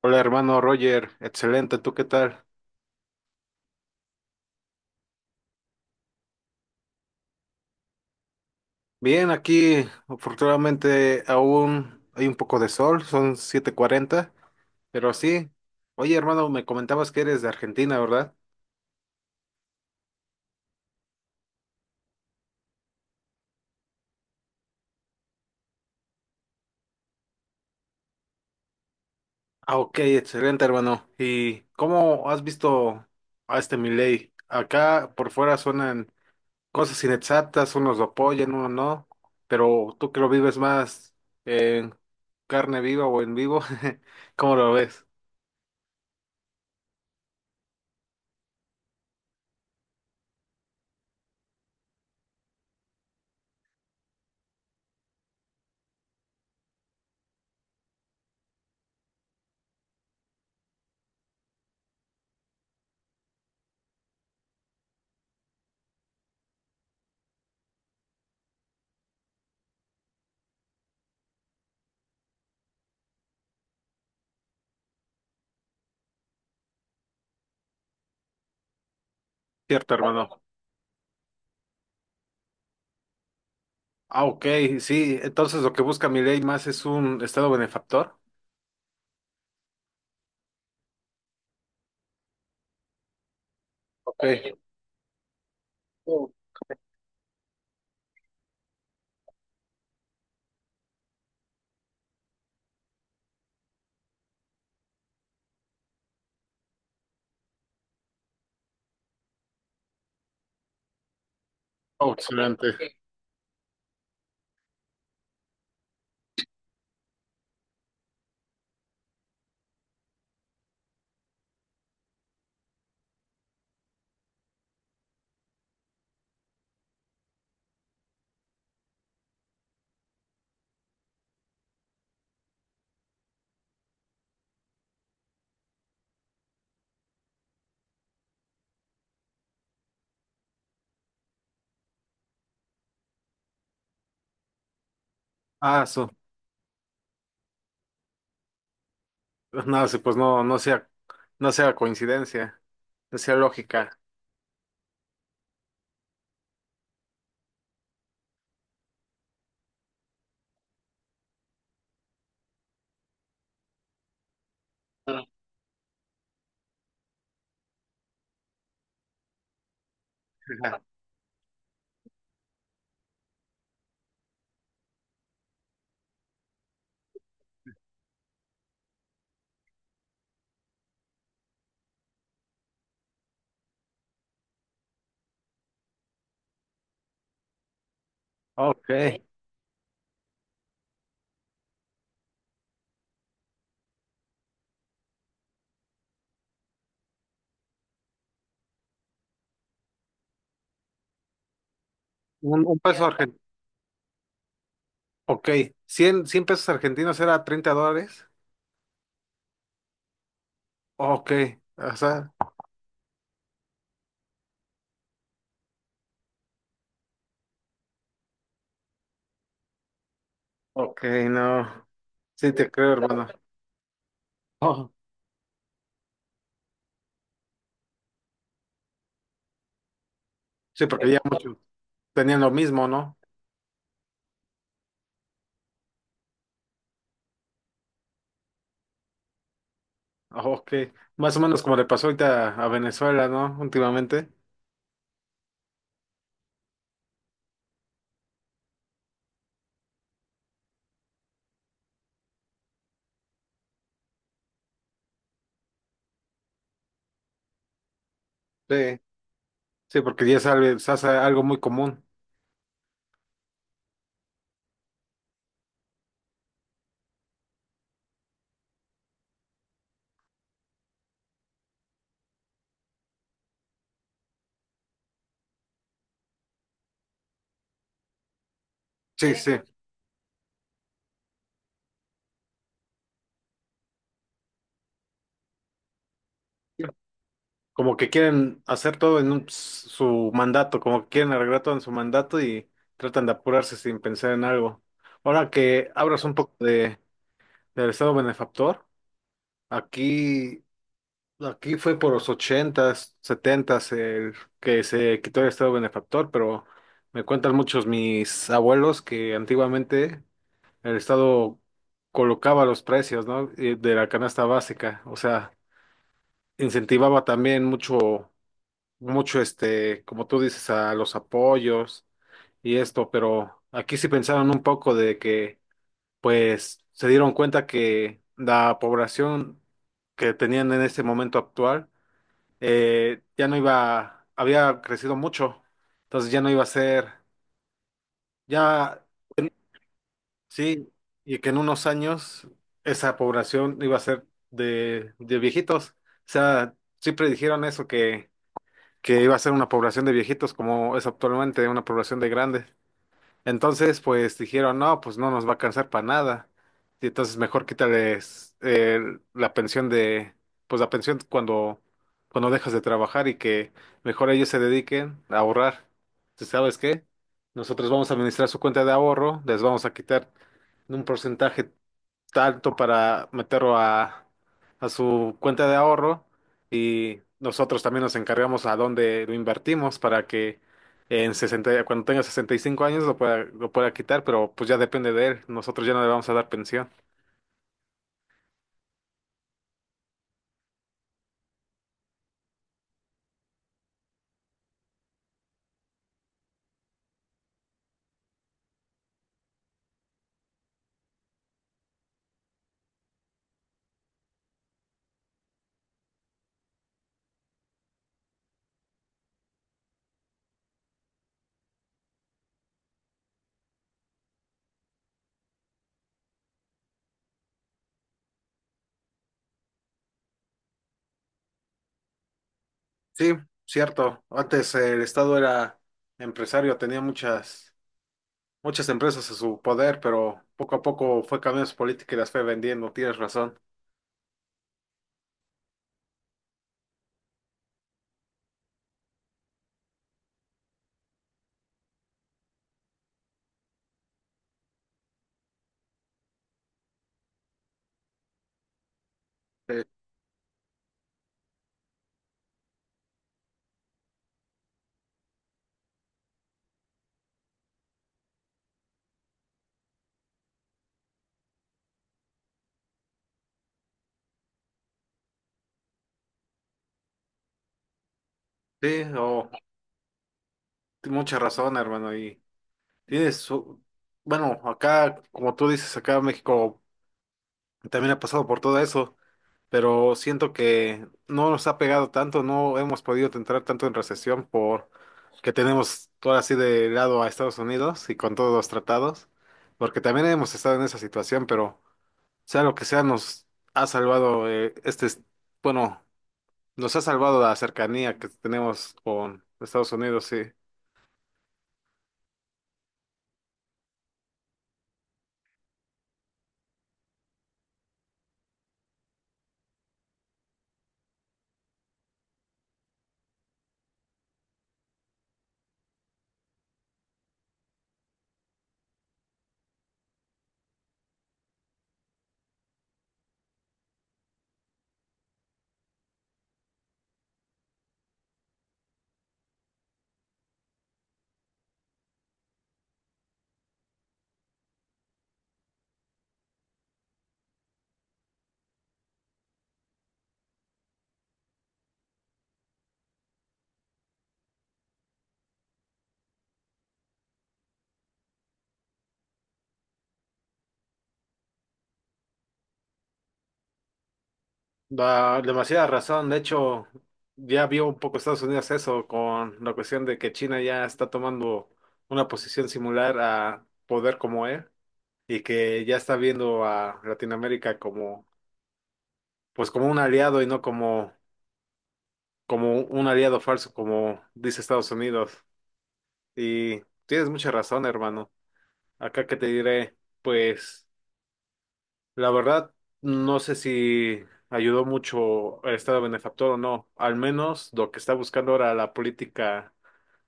Hola hermano Roger, excelente, ¿tú qué tal? Bien, aquí afortunadamente aún hay un poco de sol, son 7:40, pero sí. Oye hermano, me comentabas que eres de Argentina, ¿verdad? Ah, ok, excelente hermano. ¿Y cómo has visto a este Milei? Acá por fuera suenan cosas inexactas, unos lo apoyan, unos no, pero tú que lo vives más en carne viva o en vivo, ¿cómo lo ves? Cierto hermano. Ah, ok, sí. Entonces lo que busca mi ley más es un estado benefactor. Ok. Oh, excelente. Ah, eso. No, sí, pues no, no sea, no sea coincidencia, no sea lógica. Ajá. Ok. Un peso argentino. Ok. Cien pesos argentinos era $30. Ok. O sea, ok, no. Sí, te creo, hermano. Oh, sí, porque ya muchos tenían lo mismo, ¿no? Ok. Más o menos como le pasó ahorita a Venezuela, ¿no? Últimamente. Sí. Sí, porque ya sale, se hace algo muy común. Sí, sí. Como que quieren hacer todo en su mandato, como que quieren arreglar todo en su mandato y tratan de apurarse sin pensar en algo. Ahora que hablas un poco del Estado benefactor, aquí, aquí fue por los ochentas, setentas el que se quitó el Estado benefactor, pero me cuentan muchos mis abuelos que antiguamente el Estado colocaba los precios, ¿no? De la canasta básica, o sea incentivaba también mucho, mucho este, como tú dices, a los apoyos y esto, pero aquí sí pensaron un poco de que, pues, se dieron cuenta que la población que tenían en este momento actual ya no iba, había crecido mucho, entonces ya no iba a ser, ya sí, y que en unos años esa población iba a ser de viejitos, o sea, sí predijeron eso que iba a ser una población de viejitos como es actualmente una población de grandes. Entonces, pues dijeron, no, pues no nos va a alcanzar para nada. Y entonces mejor quítales la pensión de, pues la pensión cuando dejas de trabajar y que mejor ellos se dediquen a ahorrar. Entonces, ¿sabes qué? Nosotros vamos a administrar su cuenta de ahorro, les vamos a quitar un porcentaje alto para meterlo a su cuenta de ahorro y nosotros también nos encargamos a dónde lo invertimos para que en 60 cuando tenga 65 años lo pueda quitar, pero pues ya depende de él, nosotros ya no le vamos a dar pensión. Sí, cierto. Antes el Estado era empresario, tenía muchas, muchas empresas a su poder, pero poco a poco fue cambiando su política y las fue vendiendo, tienes razón. Eh, Sí, o mucha razón, hermano, y tienes, bueno, acá, como tú dices, acá México también ha pasado por todo eso, pero siento que no nos ha pegado tanto, no hemos podido entrar tanto en recesión por que tenemos todo así de lado a Estados Unidos y con todos los tratados, porque también hemos estado en esa situación, pero sea lo que sea, nos ha salvado este, bueno, nos ha salvado la cercanía que tenemos con Estados Unidos, sí. Da demasiada razón. De hecho, ya vio un poco Estados Unidos eso con la cuestión de que China ya está tomando una posición similar a poder como él y que ya está viendo a Latinoamérica como, pues como un aliado y no como un aliado falso como dice Estados Unidos. Y tienes mucha razón, hermano. Acá que te diré, pues. La verdad, no sé si ayudó mucho el Estado benefactor o no. Al menos lo que está buscando ahora la política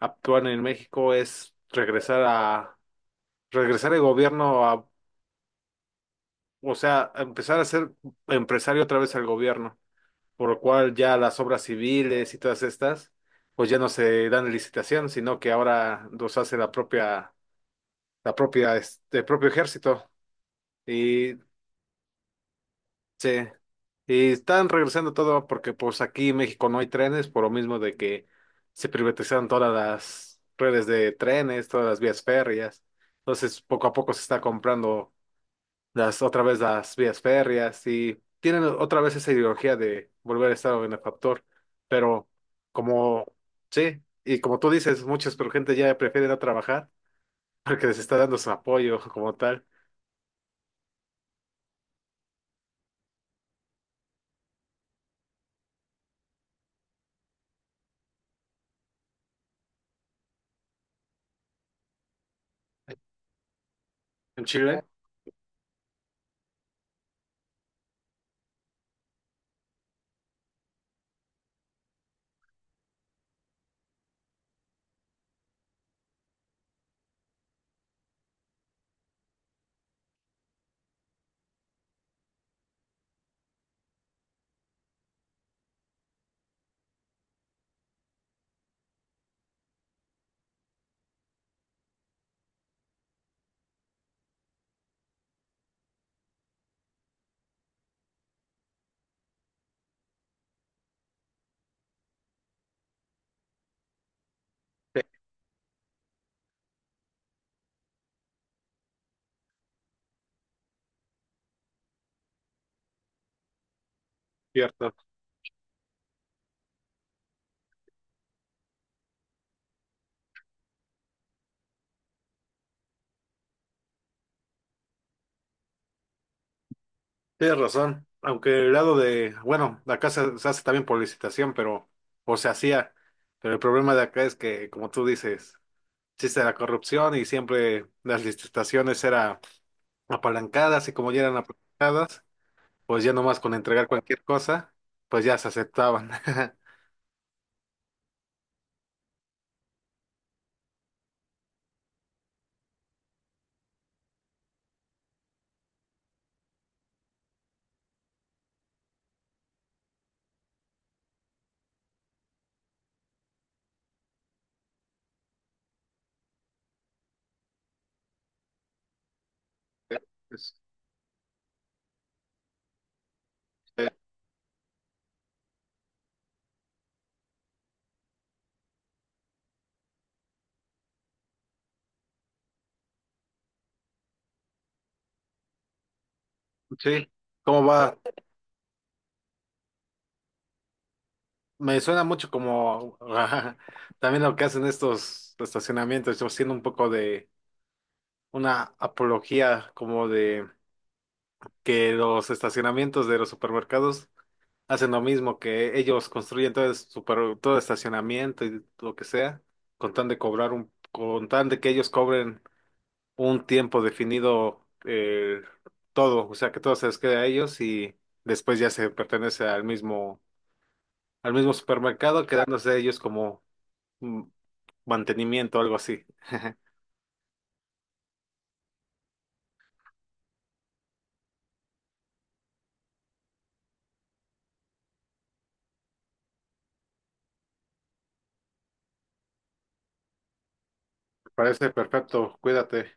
actual en México es regresar el gobierno a, o sea, a empezar a ser empresario otra vez al gobierno, por lo cual ya las obras civiles y todas estas, pues ya no se dan en licitación, sino que ahora los hace propio ejército. Y sí, y están regresando todo porque pues aquí en México no hay trenes por lo mismo de que se privatizaron todas las redes de trenes, todas las vías férreas. Entonces poco a poco se está comprando las otra vez las vías férreas y tienen otra vez esa ideología de volver a estar benefactor. Pero como sí, y como tú dices, muchas pero gente ya prefiere no trabajar porque les está dando su apoyo como tal en Chile. Sí, cierto. Tienes razón, aunque el lado de, bueno, de acá se hace también por licitación, pero, o se hacía, pero el problema de acá es que, como tú dices, existe la corrupción y siempre las licitaciones eran apalancadas y como ya eran apalancadas, pues ya nomás con entregar cualquier cosa, pues ya se aceptaban. Pues, eh, sí, ¿cómo va? Me suena mucho como también lo que hacen estos estacionamientos, yo siendo un poco de una apología como de... que los estacionamientos de los supermercados hacen lo mismo, que ellos construyen todo, todo el estacionamiento y lo que sea, con tan de que ellos cobren un tiempo definido todo, o sea que todo se les queda a ellos y después ya se pertenece al mismo supermercado, quedándose ellos como mm, mantenimiento, algo así. Parece perfecto, cuídate.